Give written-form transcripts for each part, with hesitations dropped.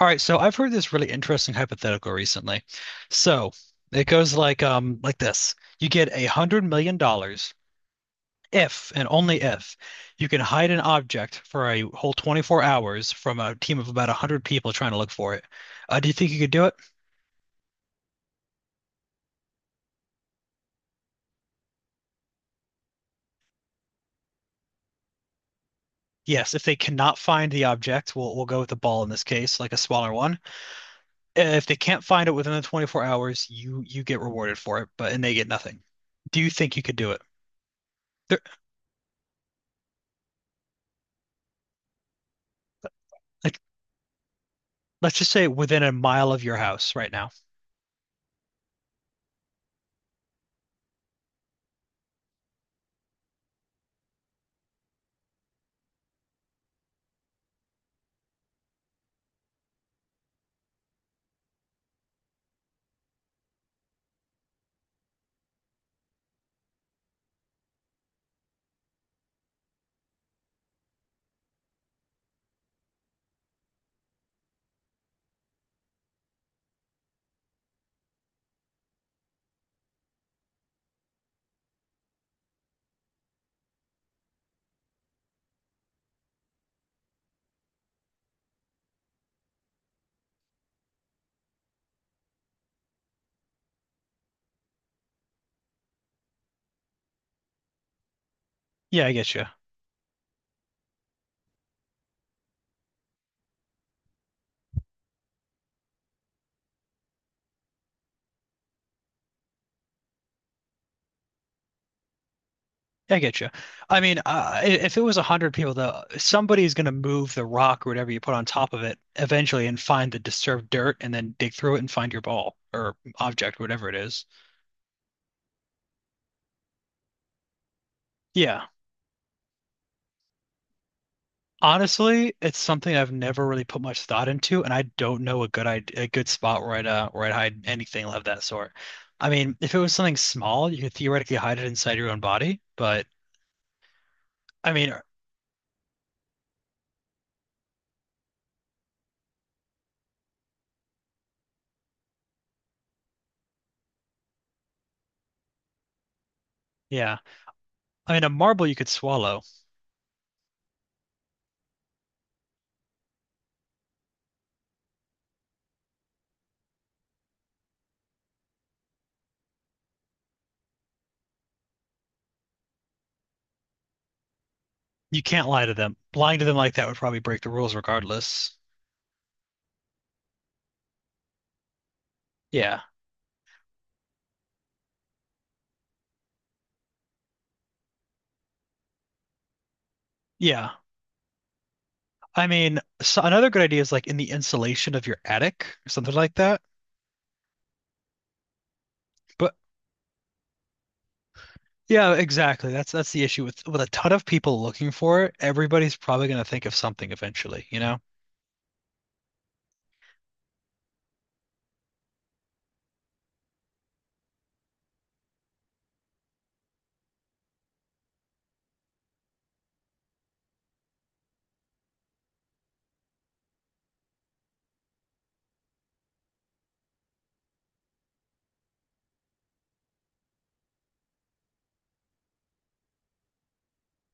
All right, so I've heard this really interesting hypothetical recently. So it goes like this. You get $100 million if and only if you can hide an object for a whole 24 hours from a team of about 100 people trying to look for it. Do you think you could do it? Yes, if they cannot find the object, we'll go with the ball in this case, like a smaller one. If they can't find it within the 24 hours, you get rewarded for it, but and they get nothing. Do you think you could do it? There, like Let's just say within a mile of your house right now. Yeah, I get you. I get you. I mean, uh, if it was 100 people, though, somebody's going to move the rock or whatever you put on top of it eventually and find the disturbed dirt and then dig through it and find your ball or object, whatever it is. Yeah. Honestly, it's something I've never really put much thought into, and I don't know a good spot where I'd hide anything of that sort. I mean, if it was something small, you could theoretically hide it inside your own body, but I mean, yeah. I mean, a marble you could swallow. You can't lie to them. Lying to them like that would probably break the rules regardless. Yeah. Yeah. I mean, so another good idea is like in the insulation of your attic or something like that. But yeah, exactly. That's the issue with a ton of people looking for it, everybody's probably going to think of something eventually, you know?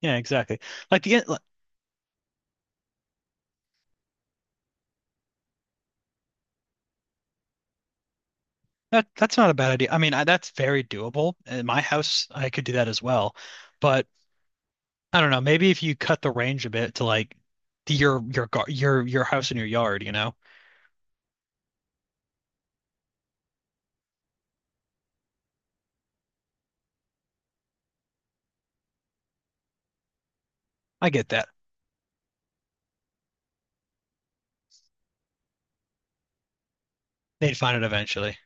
Yeah, exactly. Like the in- like, that's not a bad idea. That's very doable. In my house, I could do that as well. But I don't know, maybe if you cut the range a bit to your gar your house and your yard, you know? I get that. They'd find it eventually.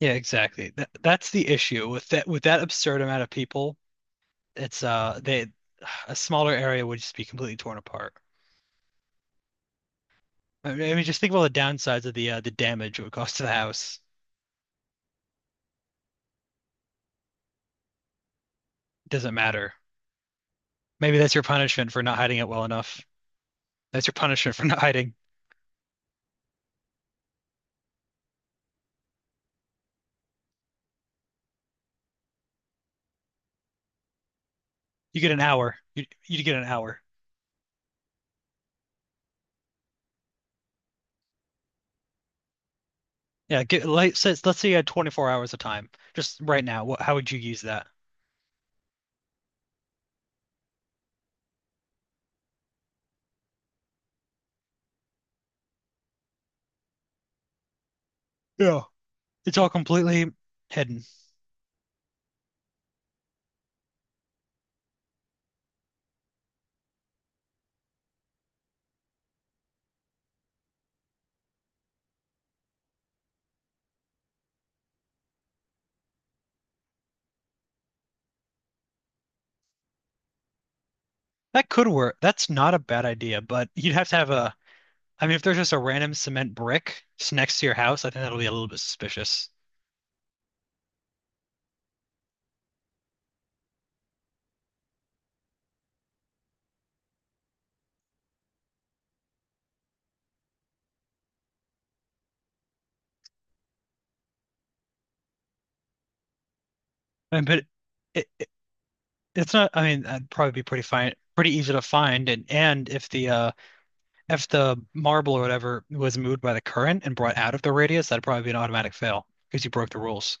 Yeah, exactly. That's the issue with that absurd amount of people. It's they A smaller area would just be completely torn apart. I mean, just think about the downsides of the damage it would cause to the house. Doesn't matter. Maybe that's your punishment for not hiding it well enough. That's your punishment for not hiding. You get an hour. You get an hour. Let's say you had 24 hours of time. Just right now, how would you use that? Yeah. It's all completely hidden. That could work. That's not a bad idea, but you'd have to have a. I mean, if there's just a random cement brick just next to your house, I think that'll be a little bit suspicious. I mean, but it It's not. I mean, that'd probably be pretty fine, pretty easy to find. And if the marble or whatever was moved by the current and brought out of the radius, that'd probably be an automatic fail because you broke the rules.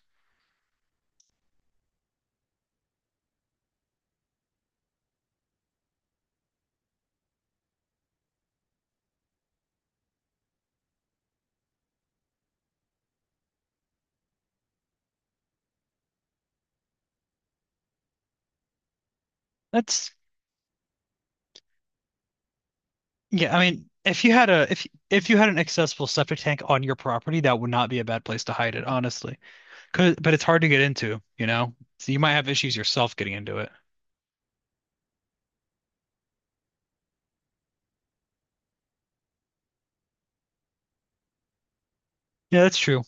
That's yeah. I mean, if you had a if you had an accessible septic tank on your property, that would not be a bad place to hide it, honestly. Cause, but it's hard to get into, you know? So you might have issues yourself getting into it. Yeah, that's true.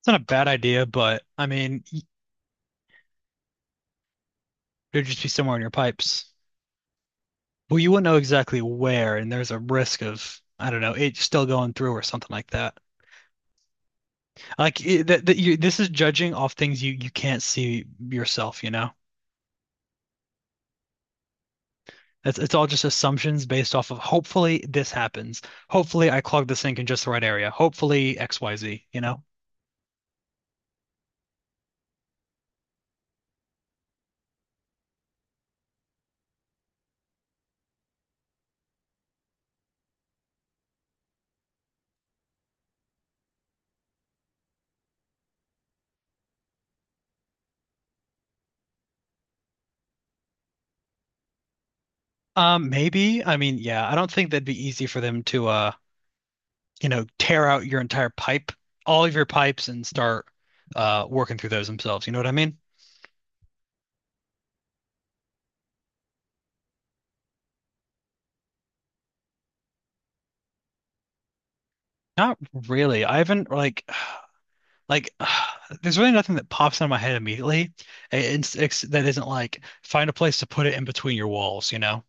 It's not a bad idea, but there'd just be somewhere in your pipes. Well, you wouldn't know exactly where, and there's a risk of, I don't know, it still going through or something like that. Like it, that, that you, this is judging off things you can't see yourself, you know? It's all just assumptions based off of hopefully this happens. Hopefully I clog the sink in just the right area. Hopefully XYZ, you know? Maybe. I mean, yeah, I don't think that'd be easy for them to you know, tear out your entire pipe, all of your pipes, and start working through those themselves. You know what I mean? Not really. I haven't like there's really nothing that pops out of my head immediately. It's that isn't like find a place to put it in between your walls. You know?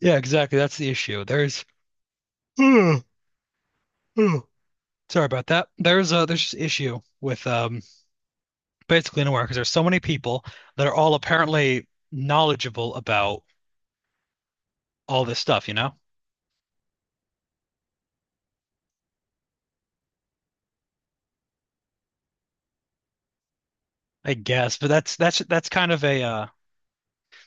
Yeah, exactly. That's the issue. There's sorry about that. There's a there's just issue with basically nowhere because there's so many people that are all apparently knowledgeable about all this stuff. You know? I guess, but that's kind of a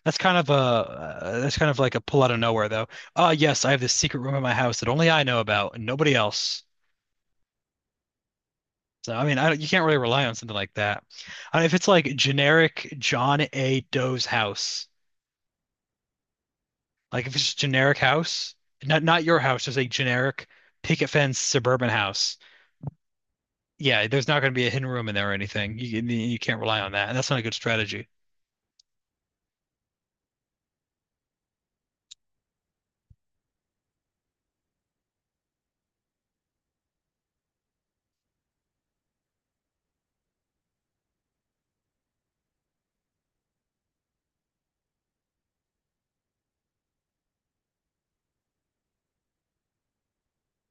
that's kind of a that's kind of like a pull out of nowhere though. Yes, I have this secret room in my house that only I know about and nobody else. So I mean, I don't, you can't really rely on something like that. If it's like generic John A. Doe's house, like if it's just generic house, not your house, just a generic picket fence suburban house. Yeah, there's not going to be a hidden room in there or anything. You can't rely on that, and that's not a good strategy.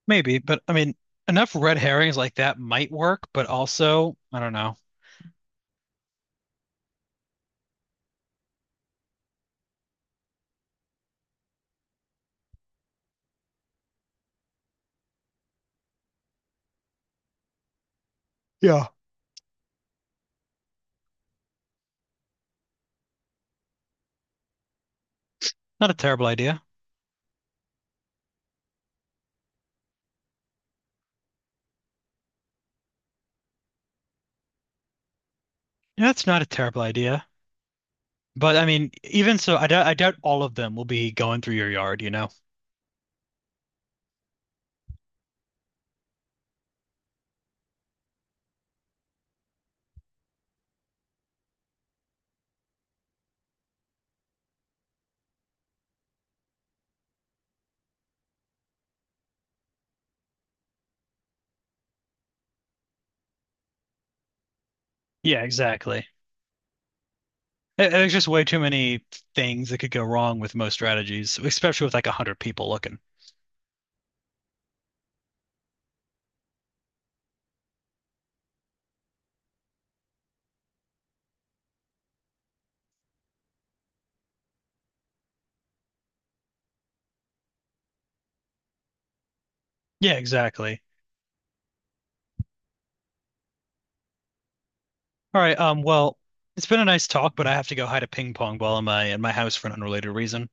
Maybe, but I mean, enough red herrings like that might work, but also, I don't know, Yeah. Not a terrible idea. Yeah, that's not a terrible idea. But I mean, even so, I doubt all of them will be going through your yard, you know? Yeah, exactly. There's just way too many things that could go wrong with most strategies, especially with like 100 people looking. Yeah, exactly. All right. Well, it's been a nice talk, but I have to go hide a ping pong ball in my house for an unrelated reason.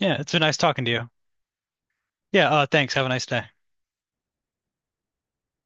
Yeah, it's been nice talking to you. Yeah. Thanks. Have a nice day.